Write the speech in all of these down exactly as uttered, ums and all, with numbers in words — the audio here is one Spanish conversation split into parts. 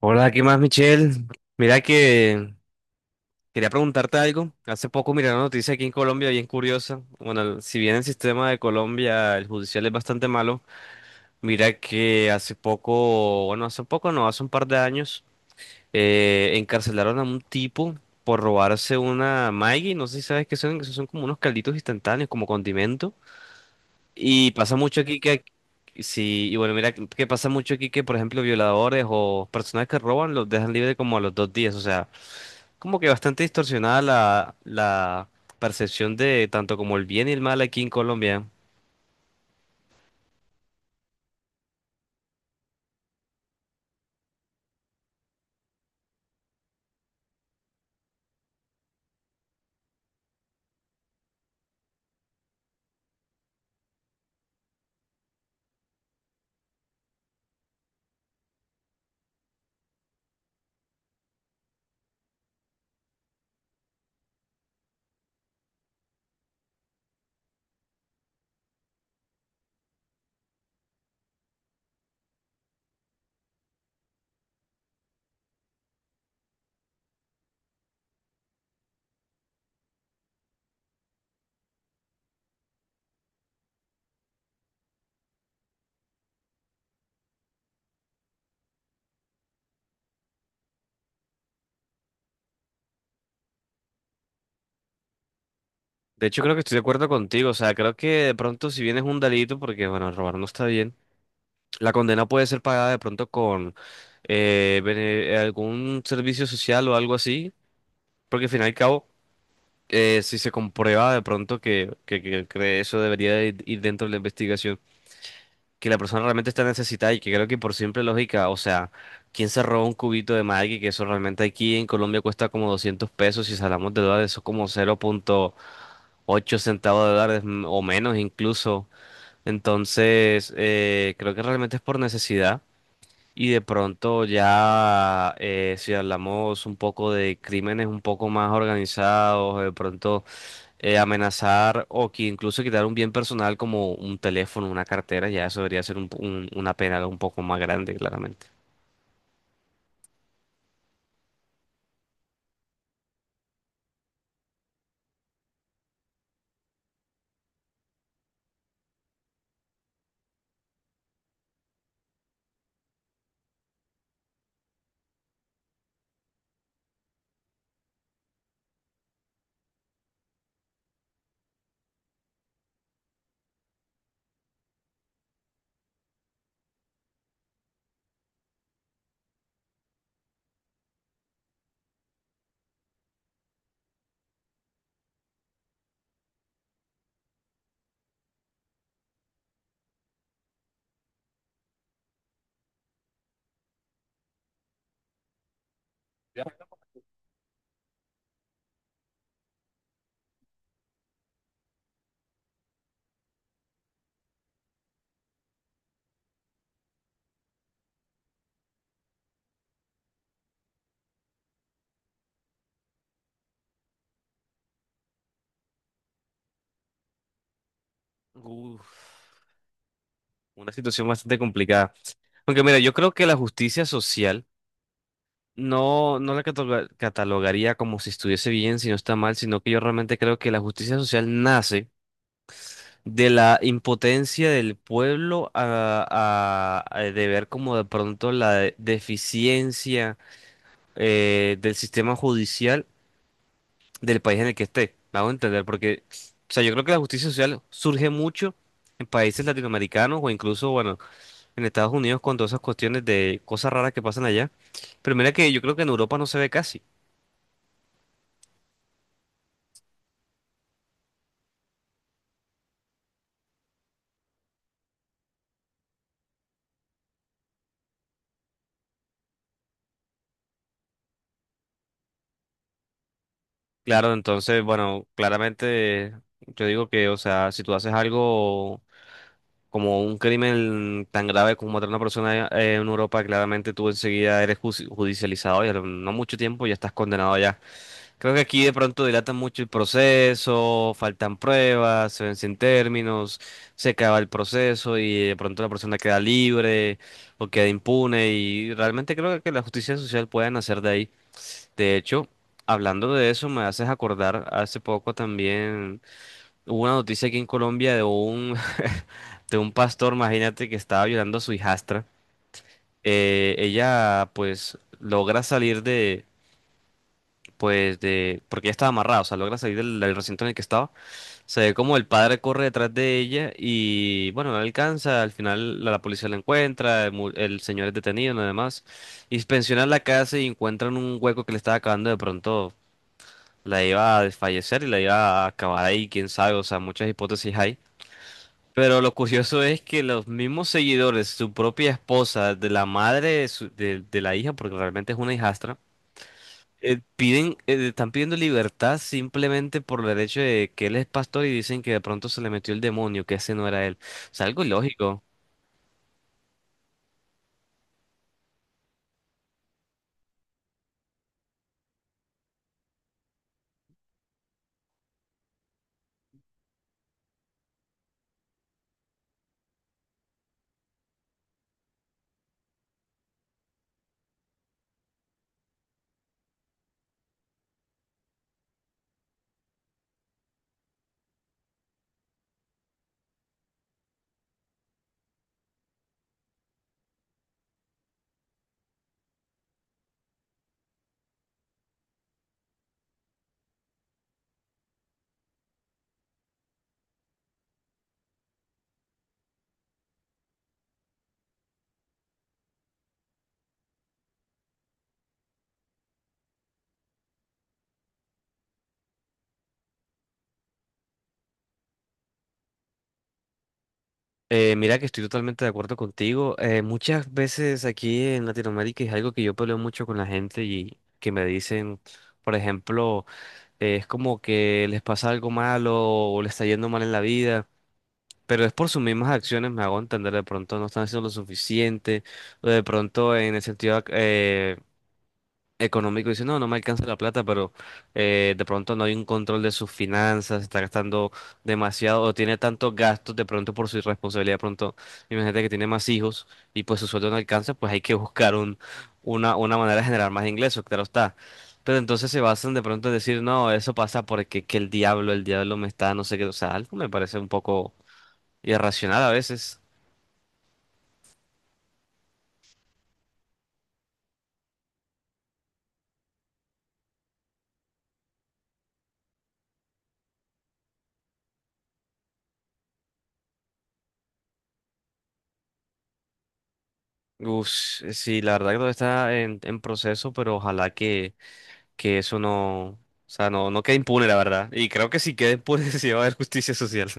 Hola, ¿qué más, Michelle? Mira que quería preguntarte algo. Hace poco miré una noticia aquí en Colombia bien curiosa. Bueno, el- si bien el sistema de Colombia, el judicial es bastante malo, mira que hace poco, bueno, hace poco no, hace un par de años, eh, encarcelaron a un tipo por robarse una Maggi. No sé si sabes qué son, que son como unos calditos instantáneos, como condimento. Y pasa mucho aquí que... Sí, y bueno, mira que que pasa mucho aquí que, por ejemplo, violadores o personas que roban los dejan libre como a los dos días, o sea como que bastante distorsionada la, la percepción de tanto como el bien y el mal aquí en Colombia. De hecho, creo que estoy de acuerdo contigo. O sea, creo que de pronto si bien es un delito, porque bueno, robar no está bien, la condena puede ser pagada de pronto con eh, bene- eh, algún servicio social o algo así, porque al fin y al cabo, eh, si se comprueba de pronto que, que, que- que eso debería de ir dentro de la investigación. Que la persona realmente está necesitada y que creo que por simple lógica, o sea, ¿quién se roba un cubito de Maggi? Que eso realmente aquí en Colombia cuesta como doscientos pesos, si hablamos de dólares, eso es como cero punto ocho centavos de dólares mm, o menos incluso. Entonces, eh, creo que realmente es por necesidad. Y de pronto ya, eh, si hablamos un poco de crímenes un poco más organizados, de pronto eh, amenazar o que incluso quitar un bien personal como un teléfono, una cartera, ya eso debería ser un- un- una pena un poco más grande, claramente. Ya. Uf, una situación bastante complicada. Aunque mira, yo creo que la justicia social no, no la cataloga- catalogaría como si estuviese bien, si no está mal, sino que yo realmente creo que la justicia social nace de la impotencia del pueblo a, a- a de ver como de pronto la de- deficiencia eh, del sistema judicial del país en el que esté. Me hago entender, porque, o sea, yo creo que la justicia social surge mucho en países latinoamericanos o incluso, bueno, en Estados Unidos con todas esas cuestiones de cosas raras que pasan allá. Pero mira que yo creo que en Europa no se ve casi. Claro, entonces, bueno, claramente yo digo que, o sea, si tú haces algo como un crimen tan grave como matar a una persona eh, en Europa, claramente tú enseguida eres ju- judicializado y a lo- no mucho tiempo ya estás condenado allá. Creo que aquí de pronto dilatan mucho el proceso, faltan pruebas, se vencen términos, se acaba el proceso y de pronto la persona queda libre o queda impune y realmente creo que la justicia social puede nacer de ahí. De hecho, hablando de eso, me haces acordar, hace poco también hubo una noticia aquí en Colombia de un, de un pastor, imagínate, que estaba violando a su hijastra. Eh, ella pues logra salir pues de, porque ella estaba amarrada, o sea, logra salir del, del recinto en el que estaba. Se ve como el padre corre detrás de ella y, bueno, no la alcanza. Al final la, la policía la encuentra, el, mu- el señor es detenido, nada más. Inspeccionan la casa y encuentran un hueco que le estaba acabando de pronto. La iba a desfallecer y la iba a acabar ahí, quién sabe, o sea, muchas hipótesis hay. Pero lo curioso es que los mismos seguidores, su propia esposa, de la madre de, su- de de la hija, porque realmente es una hijastra, eh, piden, eh, están pidiendo libertad simplemente por el hecho de que él es pastor y dicen que de pronto se le metió el demonio, que ese no era él. O sea, algo ilógico. Eh, mira que estoy totalmente de acuerdo contigo. Eh, muchas veces aquí en Latinoamérica es algo que yo peleo mucho con la gente y que me dicen, por ejemplo, eh, es como que les pasa algo malo o les está yendo mal en la vida. Pero es por sus mismas acciones, me hago entender, de pronto no están haciendo lo suficiente, o de pronto en el sentido, eh, económico dice, no, no me alcanza la plata, pero eh, de pronto no hay un control de sus finanzas, está gastando demasiado o tiene tantos gastos de pronto por su irresponsabilidad, de pronto imagínate que tiene más hijos y pues su sueldo no alcanza, pues hay que buscar un, una, una manera de generar más ingresos, claro está. Pero entonces se basan de pronto en decir, no, eso pasa porque que el diablo, el diablo me está, no sé qué, o sea, algo me parece un poco irracional a veces. Uf, sí, la verdad que todo está en en proceso, pero ojalá que... que eso no, o sea, no, no queda impune, la verdad. Y creo que si queda impune sí va a haber justicia social.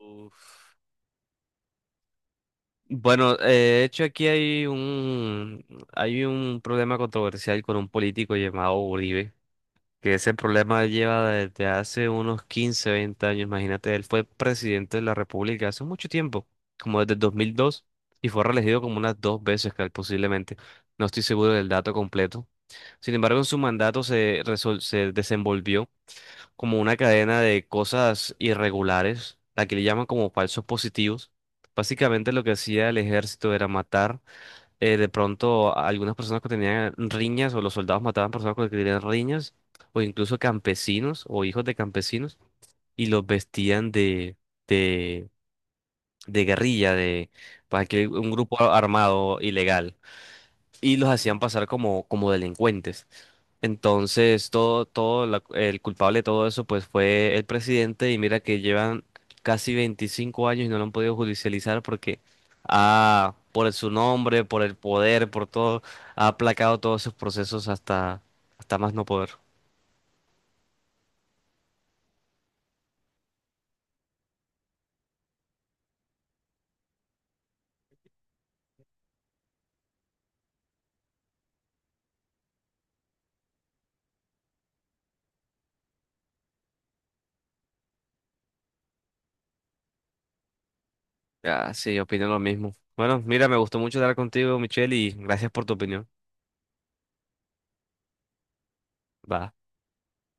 Uf. Bueno, eh, de hecho aquí hay un, hay un problema controversial con un político llamado Uribe, que ese problema lleva desde hace unos quince veinte años, imagínate, él fue presidente de la República hace mucho tiempo, como desde el dos mil dos, y fue reelegido como unas dos veces, cal- posiblemente, no estoy seguro del dato completo. Sin embargo, en su mandato se, resol- se desenvolvió como una cadena de cosas irregulares, la que le llaman como falsos positivos. Básicamente lo que hacía el ejército era matar eh, de pronto a algunas personas que tenían riñas o los soldados mataban personas que tenían riñas o incluso campesinos o hijos de campesinos y los vestían de, de, de guerrilla, de para que un grupo armado ilegal y los hacían pasar como, como delincuentes. Entonces, todo, todo la- el culpable de todo eso, pues fue el presidente y mira que llevan casi veinticinco años y no lo han podido judicializar porque ha, por su nombre, por el poder, por todo, ha aplacado todos sus procesos hasta, hasta más no poder. Ah, sí, opino lo mismo. Bueno, mira, me gustó mucho hablar contigo, Michelle, y gracias por tu opinión. Va.